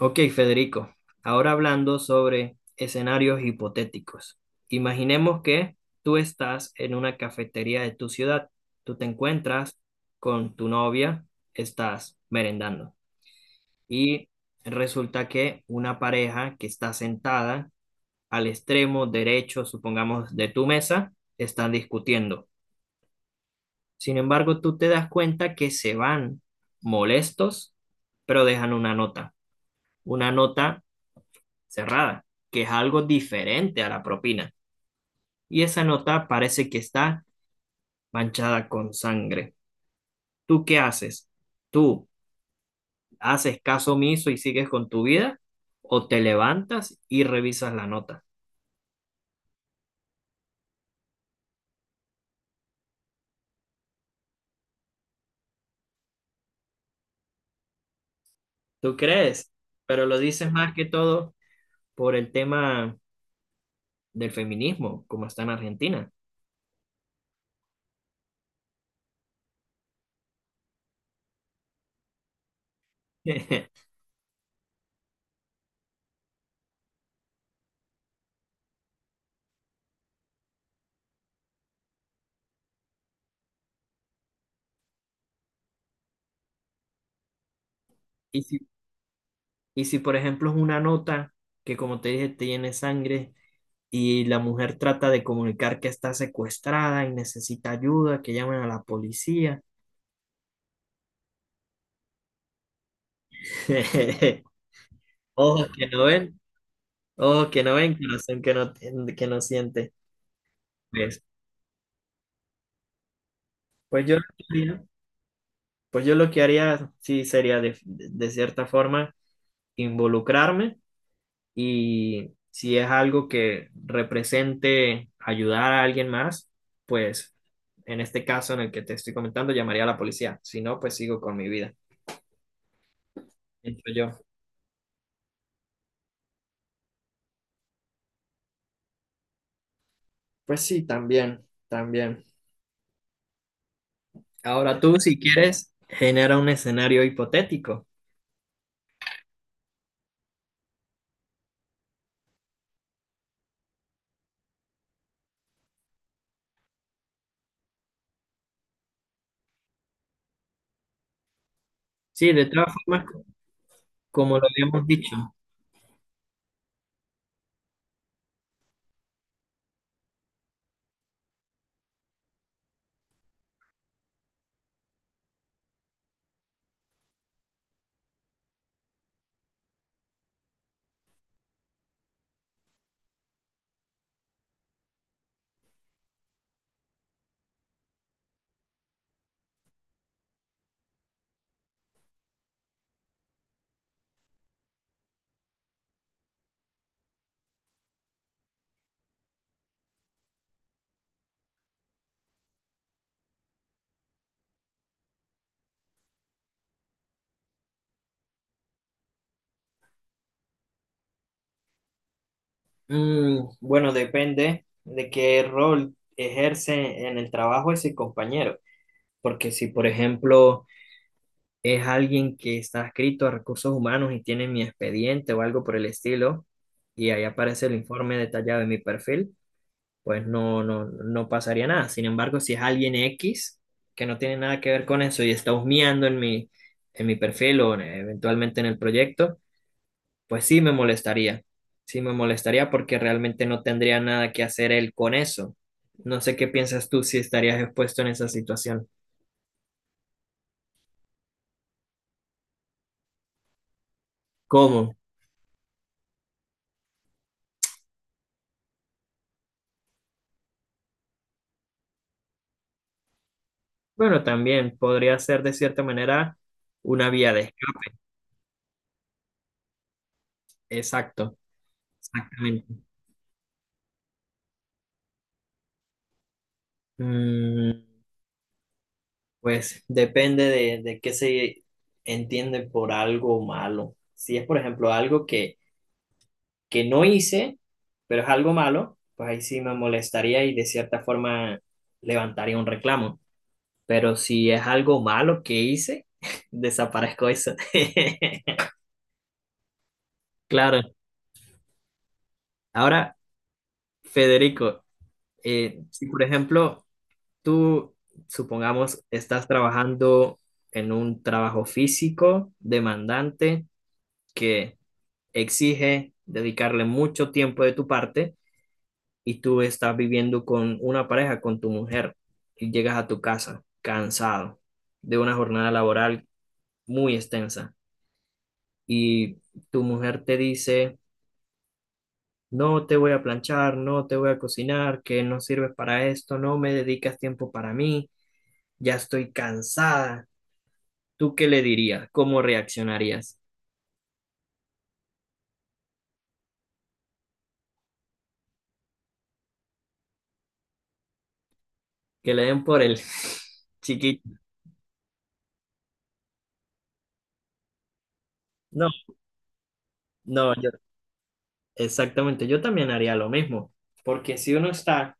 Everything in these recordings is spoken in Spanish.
Ok, Federico, ahora hablando sobre escenarios hipotéticos. Imaginemos que tú estás en una cafetería de tu ciudad, tú te encuentras con tu novia, estás merendando y resulta que una pareja que está sentada al extremo derecho, supongamos, de tu mesa, están discutiendo. Sin embargo, tú te das cuenta que se van molestos, pero dejan una nota cerrada, que es algo diferente a la propina. Y esa nota parece que está manchada con sangre. ¿Tú qué haces? ¿Tú haces caso omiso y sigues con tu vida? ¿O te levantas y revisas la nota? ¿Tú crees? Pero lo dices más que todo por el tema del feminismo, como está en Argentina. Y si, y si, por ejemplo, es una nota que, como te dije, tiene sangre, y la mujer trata de comunicar que está secuestrada y necesita ayuda, que llamen a la policía. Ojos que no ven, ojos que no ven, corazón que no, que no siente. pues Pues yo lo que haría, sí, sería de cierta forma involucrarme y si es algo que represente ayudar a alguien más, pues en este caso en el que te estoy comentando, llamaría a la policía. Si no, pues sigo con mi vida, pienso yo. Pues sí, también, también. Ahora tú, si quieres, genera un escenario hipotético. Sí, de todas formas, como lo habíamos dicho. Bueno, depende de qué rol ejerce en el trabajo ese compañero. Porque si, por ejemplo, es alguien que está adscrito a recursos humanos y tiene mi expediente o algo por el estilo, y ahí aparece el informe detallado de mi perfil, pues no pasaría nada. Sin embargo, si es alguien X que no tiene nada que ver con eso y está husmeando en mi perfil o eventualmente en el proyecto, pues sí me molestaría. Sí me molestaría porque realmente no tendría nada que hacer él con eso. No sé qué piensas tú si estarías expuesto en esa situación. ¿Cómo? Bueno, también podría ser de cierta manera una vía de escape. Exacto. Exactamente. Mm, Pues depende de qué se entiende por algo malo. Si es, por ejemplo, algo que no hice, pero es algo malo, pues ahí sí me molestaría y de cierta forma levantaría un reclamo. Pero si es algo malo que hice, desaparezco eso. Claro. Ahora, Federico, si por ejemplo tú, supongamos, estás trabajando en un trabajo físico demandante que exige dedicarle mucho tiempo de tu parte y tú estás viviendo con una pareja, con tu mujer, y llegas a tu casa cansado de una jornada laboral muy extensa y tu mujer te dice, no te voy a planchar, no te voy a cocinar, que no sirves para esto, no me dedicas tiempo para mí, ya estoy cansada. ¿Tú qué le dirías? ¿Cómo reaccionarías? Que le den por el chiquito. No, no, yo exactamente, yo también haría lo mismo, porque si uno está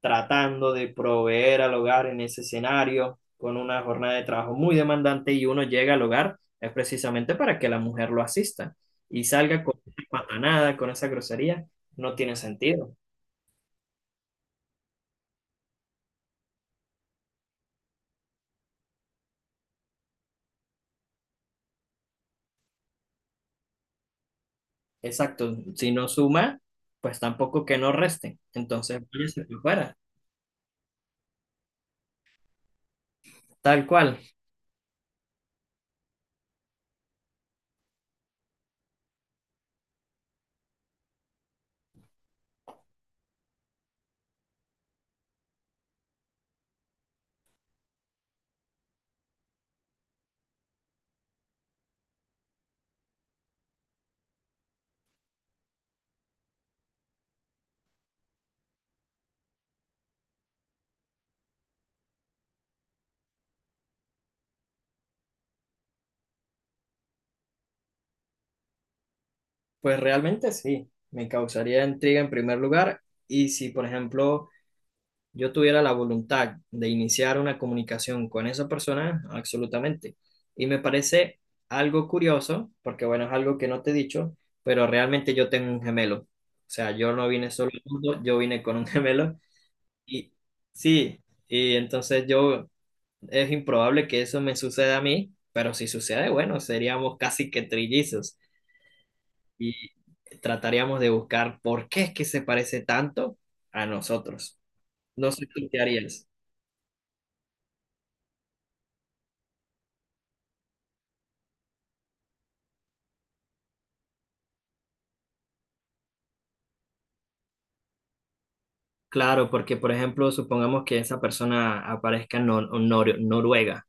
tratando de proveer al hogar en ese escenario con una jornada de trabajo muy demandante y uno llega al hogar, es precisamente para que la mujer lo asista y salga con esa patanada, con esa grosería, no tiene sentido. Exacto, si no suma, pues tampoco que no reste, entonces váyase por fuera. Tal cual, pues realmente sí, me causaría intriga en primer lugar y si, por ejemplo, yo tuviera la voluntad de iniciar una comunicación con esa persona, absolutamente. Y me parece algo curioso, porque bueno, es algo que no te he dicho, pero realmente yo tengo un gemelo. O sea, yo no vine solo al mundo, yo vine con un gemelo. Y sí, y entonces yo, es improbable que eso me suceda a mí, pero si sucede, bueno, seríamos casi que trillizos y trataríamos de buscar por qué es que se parece tanto a nosotros. No sé tú qué harías. Claro, porque por ejemplo, supongamos que esa persona aparezca en Noruega,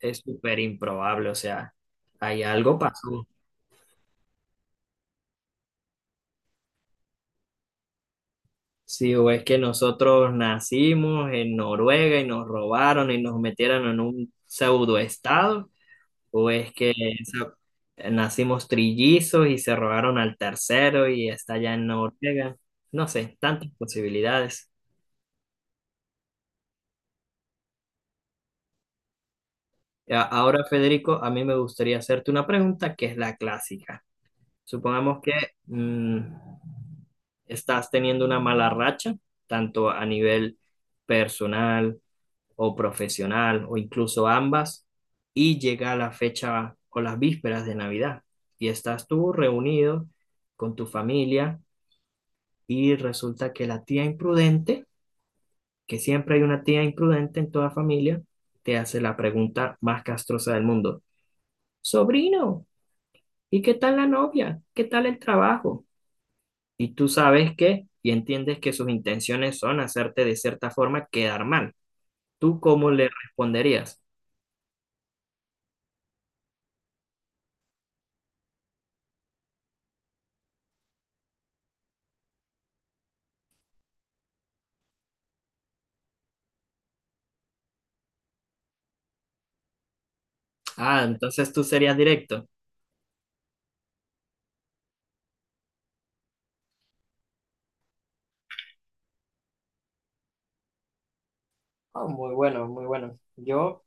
es súper improbable, o sea, hay algo pasó. Sí, o es que nosotros nacimos en Noruega y nos robaron y nos metieron en un pseudo estado, o es que nacimos trillizos y se robaron al tercero y está allá en Noruega. No sé, tantas posibilidades. Ahora, Federico, a mí me gustaría hacerte una pregunta que es la clásica. Supongamos que mm, estás teniendo una mala racha, tanto a nivel personal o profesional o incluso ambas, y llega la fecha o las vísperas de Navidad y estás tú reunido con tu familia y resulta que la tía imprudente, que siempre hay una tía imprudente en toda familia, te hace la pregunta más castrosa del mundo. Sobrino, ¿y qué tal la novia? ¿Qué tal el trabajo? Y tú sabes que y entiendes que sus intenciones son hacerte de cierta forma quedar mal. ¿Tú cómo le responderías? Ah, entonces tú serías directo. Ah, muy bueno, muy bueno. Yo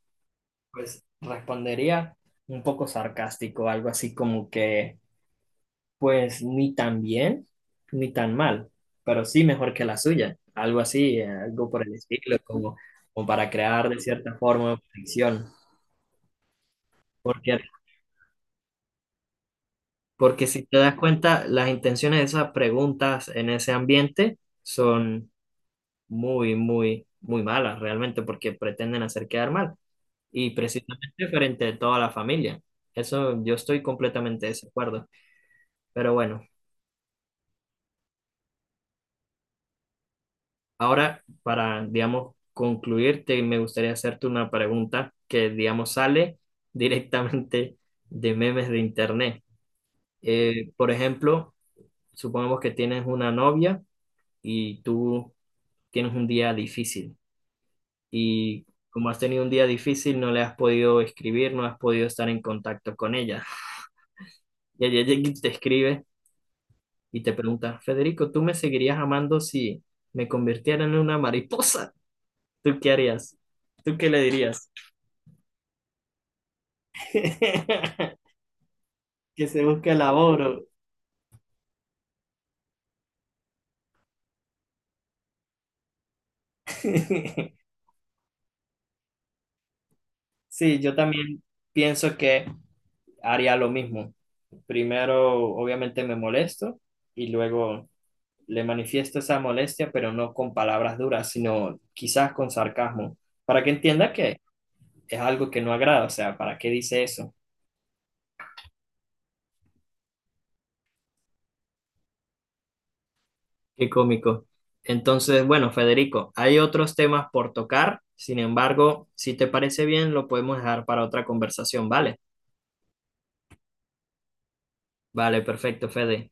pues respondería un poco sarcástico, algo así como que pues ni tan bien ni tan mal, pero sí mejor que la suya, algo así, algo por el estilo, como, como para crear de cierta forma fricción. Porque Porque si te das cuenta, las intenciones de esas preguntas en ese ambiente son muy, muy, muy malas realmente porque pretenden hacer quedar mal. Y precisamente frente a toda la familia. Eso yo estoy completamente de desacuerdo. Pero bueno, ahora para, digamos, concluirte, me gustaría hacerte una pregunta que, digamos, sale directamente de memes de internet. Por ejemplo, supongamos que tienes una novia y tú tienes un día difícil y como has tenido un día difícil no le has podido escribir, no has podido estar en contacto con ella. Y ella llega y te escribe y te pregunta, Federico, ¿tú me seguirías amando si me convirtiera en una mariposa? ¿Tú qué harías? ¿Tú qué le dirías? Que se busque laboro. Sí, yo también pienso que haría lo mismo. Primero, obviamente, me molesto y luego le manifiesto esa molestia, pero no con palabras duras, sino quizás con sarcasmo, para que entienda que es algo que no agrada, o sea, ¿para qué dice eso? Qué cómico. Entonces, bueno, Federico, hay otros temas por tocar, sin embargo, si te parece bien, lo podemos dejar para otra conversación, ¿vale? Vale, perfecto, Fede.